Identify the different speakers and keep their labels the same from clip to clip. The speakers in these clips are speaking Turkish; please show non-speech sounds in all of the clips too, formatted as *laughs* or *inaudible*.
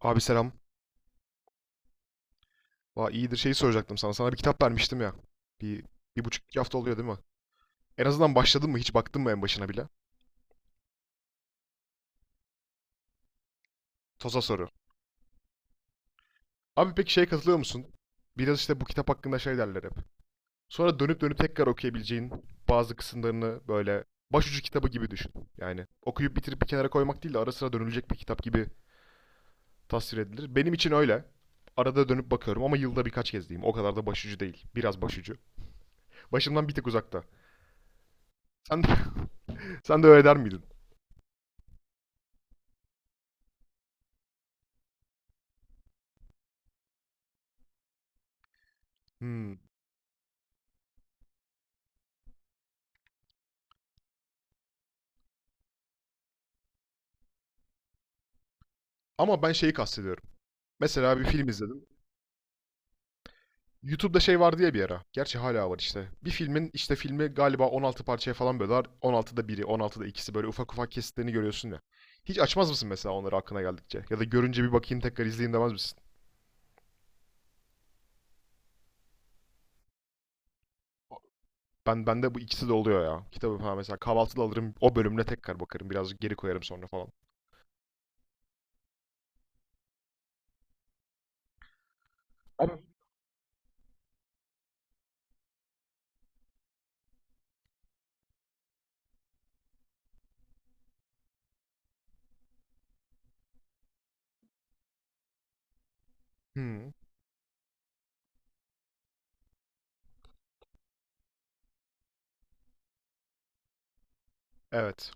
Speaker 1: Abi selam. Valla iyidir şeyi soracaktım sana. Sana bir kitap vermiştim ya. Bir, bir buçuk iki hafta oluyor değil mi? En azından başladın mı? Hiç baktın mı en başına bile? Toza soru. Abi peki şeye katılıyor musun? Biraz işte bu kitap hakkında şey derler hep. Sonra dönüp dönüp tekrar okuyabileceğin bazı kısımlarını böyle başucu kitabı gibi düşün. Yani okuyup bitirip bir kenara koymak değil de ara sıra dönülecek bir kitap gibi tasvir edilir. Benim için öyle. Arada dönüp bakıyorum ama yılda birkaç kez diyeyim. O kadar da başucu değil. Biraz başucu. Başımdan bir tık uzakta. Sen de, *laughs* sen de öyle der miydin? Hmm. Ama ben şeyi kastediyorum. Mesela bir film izledim. YouTube'da şey vardı ya bir ara. Gerçi hala var işte. Bir filmin işte filmi galiba 16 parçaya falan bölüyorlar. 16'da biri, 16'da ikisi böyle ufak ufak kesitlerini görüyorsun ya. Hiç açmaz mısın mesela onları aklına geldikçe? Ya da görünce bir bakayım tekrar izleyeyim demez misin? Bende bu ikisi de oluyor ya. Kitabı falan mesela kahvaltıda alırım, o bölümüne tekrar bakarım. Birazcık geri koyarım sonra falan. Abi- Hmm, evet.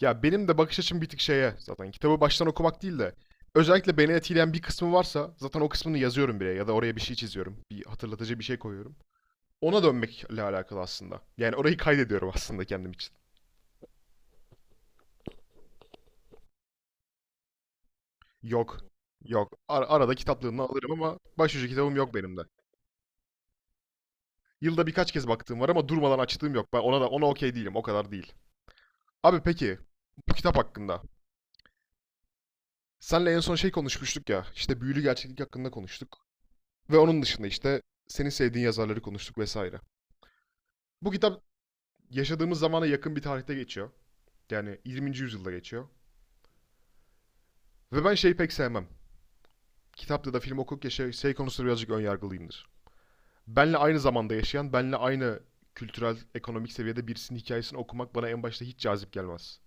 Speaker 1: Ya benim de bakış açım bir tık şeye zaten kitabı baştan okumak değil de özellikle beni etkileyen bir kısmı varsa zaten o kısmını yazıyorum bile ya da oraya bir şey çiziyorum. Bir hatırlatıcı bir şey koyuyorum. Ona dönmekle alakalı aslında. Yani orayı kaydediyorum *laughs* aslında kendim için. Yok. Yok. Arada kitaplığını alırım ama başucu kitabım yok benim de. Yılda birkaç kez baktığım var ama durmadan açtığım yok. Ben ona da ona okey değilim. O kadar değil. Abi peki bu kitap hakkında. Senle en son şey konuşmuştuk ya. İşte büyülü gerçeklik hakkında konuştuk. Ve onun dışında işte senin sevdiğin yazarları konuştuk vesaire. Bu kitap yaşadığımız zamana yakın bir tarihte geçiyor. Yani 20. yüzyılda geçiyor. Ve ben şeyi pek sevmem. Kitapta da film okurken şey konusunda birazcık önyargılıyımdır. Benle aynı zamanda yaşayan, benle aynı kültürel, ekonomik seviyede birisinin hikayesini okumak bana en başta hiç cazip gelmez.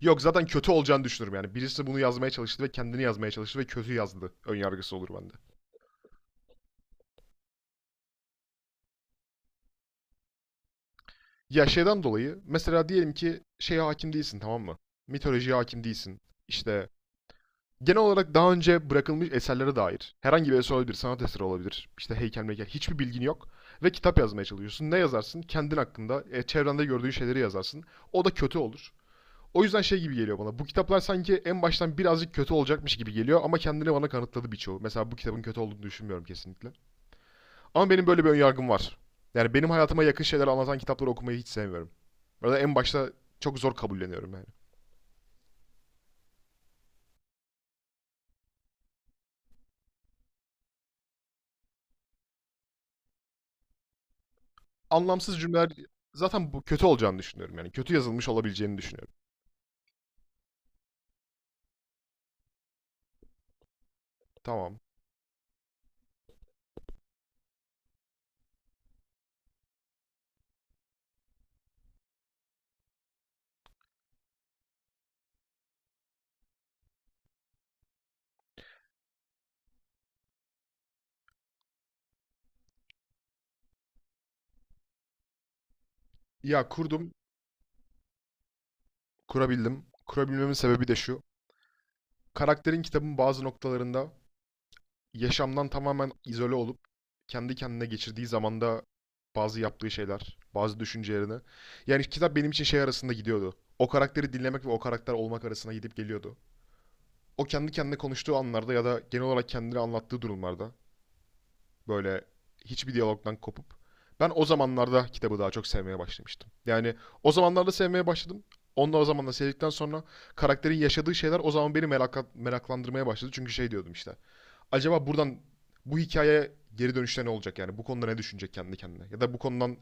Speaker 1: Yok zaten kötü olacağını düşünürüm yani. Birisi bunu yazmaya çalıştı ve kendini yazmaya çalıştı ve kötü yazdı. Önyargısı olur bende. Ya şeyden dolayı mesela diyelim ki şeye hakim değilsin tamam mı? Mitolojiye hakim değilsin. İşte genel olarak daha önce bırakılmış eserlere dair herhangi bir eser olabilir, sanat eseri olabilir, işte heykel meykel hiçbir bilgin yok ve kitap yazmaya çalışıyorsun. Ne yazarsın? Kendin hakkında, çevrende gördüğün şeyleri yazarsın. O da kötü olur. O yüzden şey gibi geliyor bana. Bu kitaplar sanki en baştan birazcık kötü olacakmış gibi geliyor ama kendini bana kanıtladı birçoğu. Mesela bu kitabın kötü olduğunu düşünmüyorum kesinlikle. Ama benim böyle bir önyargım var. Yani benim hayatıma yakın şeyler anlatan kitapları okumayı hiç sevmiyorum. Burada en başta çok zor kabulleniyorum yani. Anlamsız cümleler zaten bu kötü olacağını düşünüyorum yani. Kötü yazılmış olabileceğini düşünüyorum. Tamam. Ya kurdum, kurabildim. Kurabilmemin sebebi de şu. Karakterin kitabın bazı noktalarında yaşamdan tamamen izole olup kendi kendine geçirdiği zamanda bazı yaptığı şeyler, bazı düşüncelerini. Yani kitap benim için şey arasında gidiyordu. O karakteri dinlemek ve o karakter olmak arasında gidip geliyordu. O kendi kendine konuştuğu anlarda ya da genel olarak kendini anlattığı durumlarda böyle hiçbir diyalogdan kopup. Ben o zamanlarda kitabı daha çok sevmeye başlamıştım. Yani o zamanlarda sevmeye başladım. Onu da o zamanla sevdikten sonra karakterin yaşadığı şeyler o zaman beni meraklandırmaya başladı. Çünkü şey diyordum işte. Acaba buradan bu hikayeye geri dönüşte ne olacak yani? Bu konuda ne düşünecek kendi kendine? Ya da bu konudan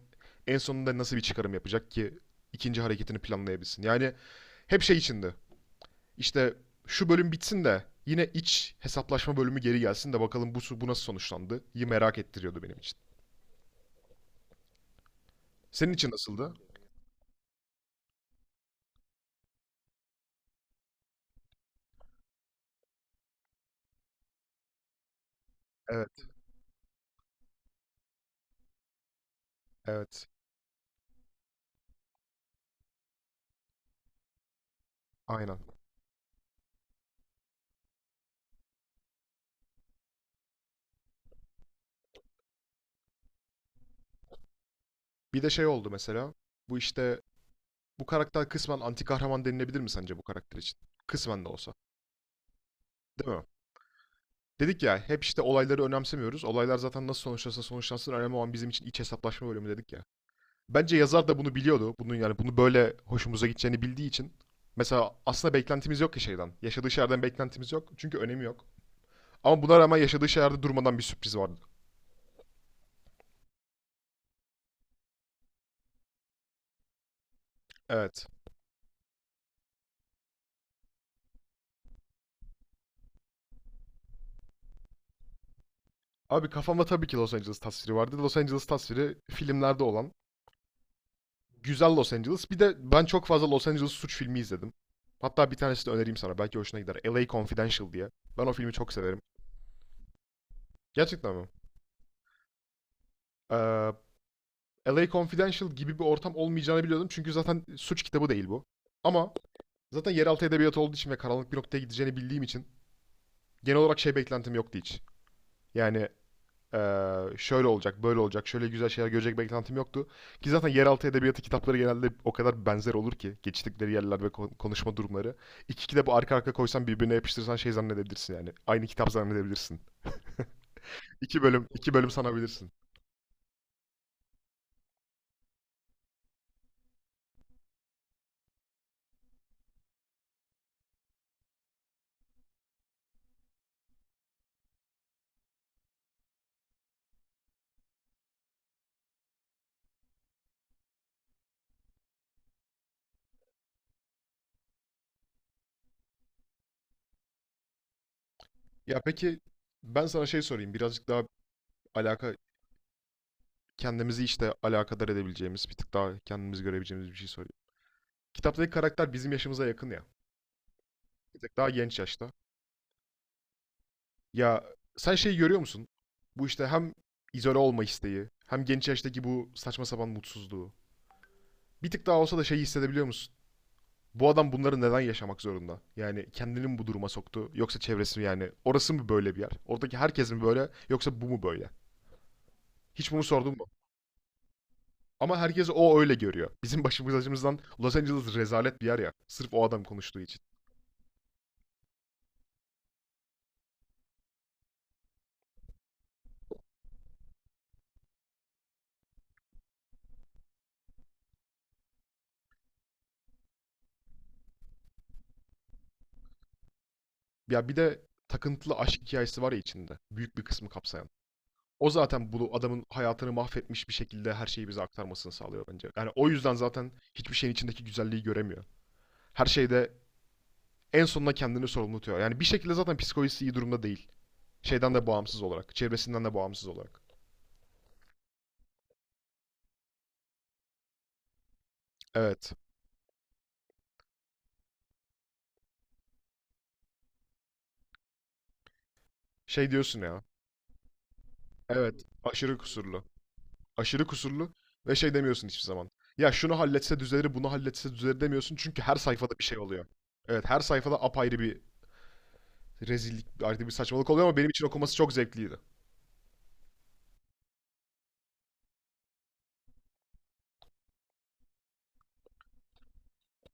Speaker 1: en sonunda nasıl bir çıkarım yapacak ki ikinci hareketini planlayabilsin? Yani hep şey içinde. İşte şu bölüm bitsin de yine iç hesaplaşma bölümü geri gelsin de bakalım bu nasıl sonuçlandı? İyi merak ettiriyordu benim için. Senin için nasıldı? Evet, evet. Aynen. Bir de şey oldu mesela. Bu işte bu karakter kısmen anti kahraman denilebilir mi sence bu karakter için? Kısmen de olsa. Değil mi? Dedik ya hep işte olayları önemsemiyoruz. Olaylar zaten nasıl sonuçlansa sonuçlansın önemli olan bizim için iç hesaplaşma bölümü dedik ya. Bence yazar da bunu biliyordu. Bunun yani bunu böyle hoşumuza gideceğini bildiği için. Mesela aslında beklentimiz yok ki şeyden. Yaşadığı şeylerden beklentimiz yok. Çünkü önemi yok. Ama buna rağmen yaşadığı şeylerde durmadan bir sürpriz vardı. Evet. Abi kafamda tabii ki Los Angeles tasviri vardı. Los Angeles tasviri filmlerde olan güzel Los Angeles. Bir de ben çok fazla Los Angeles suç filmi izledim. Hatta bir tanesini önereyim sana. Belki hoşuna gider. LA Confidential diye. Ben o filmi çok severim. Gerçekten mi? Ee, LA Confidential gibi bir ortam olmayacağını biliyordum. Çünkü zaten suç kitabı değil bu. Ama zaten yeraltı edebiyatı olduğu için ve karanlık bir noktaya gideceğini bildiğim için genel olarak şey beklentim yoktu hiç. Yani, Ee, şöyle olacak, böyle olacak, şöyle güzel şeyler görecek beklentim yoktu. Ki zaten yeraltı edebiyatı kitapları genelde o kadar benzer olur ki geçtikleri yerler ve konuşma durumları. İki kitabı arka arka koysan birbirine yapıştırsan şey zannedebilirsin yani. Aynı kitap zannedebilirsin. İki bölüm, iki bölüm sanabilirsin. Ya peki ben sana şey sorayım. Birazcık daha alaka kendimizi işte alakadar edebileceğimiz, bir tık daha kendimizi görebileceğimiz bir şey sorayım. Kitaptaki karakter bizim yaşımıza yakın ya. Bir tık daha genç yaşta. Ya sen şeyi görüyor musun? Bu işte hem izole olma isteği, hem genç yaştaki bu saçma sapan mutsuzluğu. Bir tık daha olsa da şeyi hissedebiliyor musun? Bu adam bunları neden yaşamak zorunda? Yani kendini mi bu duruma soktu? Yoksa çevresi mi yani? Orası mı böyle bir yer? Oradaki herkes mi böyle? Yoksa bu mu böyle? Hiç bunu sordun mu? Ama herkes o öyle görüyor. Bizim başımız acımızdan Los Angeles rezalet bir yer ya. Sırf o adam konuştuğu için. Ya bir de takıntılı aşk hikayesi var ya içinde. Büyük bir kısmı kapsayan. O zaten bu adamın hayatını mahvetmiş bir şekilde her şeyi bize aktarmasını sağlıyor bence. Yani o yüzden zaten hiçbir şeyin içindeki güzelliği göremiyor. Her şeyde en sonunda kendini sorumlu tutuyor. Yani bir şekilde zaten psikolojisi iyi durumda değil. Şeyden de bağımsız olarak. Çevresinden de bağımsız olarak. Evet. Şey diyorsun ya. Evet. Aşırı kusurlu. Aşırı kusurlu ve şey demiyorsun hiçbir zaman. Ya şunu halletse düzelir, bunu halletse düzelir demiyorsun çünkü her sayfada bir şey oluyor. Evet, her sayfada apayrı bir rezillik, ayrı bir saçmalık oluyor ama benim için okuması çok zevkliydi.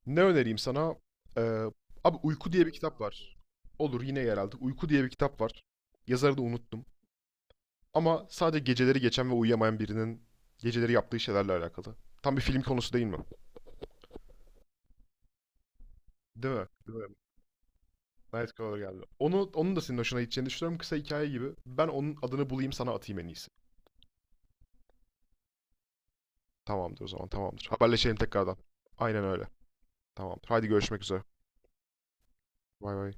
Speaker 1: Ne önereyim sana? Ee, abi Uyku diye bir kitap var. Olur yine yerelde. Uyku diye bir kitap var. Yazarı da unuttum. Ama sadece geceleri geçen ve uyuyamayan birinin geceleri yaptığı şeylerle alakalı. Tam bir film konusu değil mi? Değil mi? Değil mi? Nightcrawler geldi. Onun da senin hoşuna gideceğini düşünüyorum. Kısa hikaye gibi. Ben onun adını bulayım sana atayım en iyisi. Tamamdır o zaman tamamdır. Haberleşelim tekrardan. Aynen öyle. Tamamdır. Haydi görüşmek üzere. Bay bay.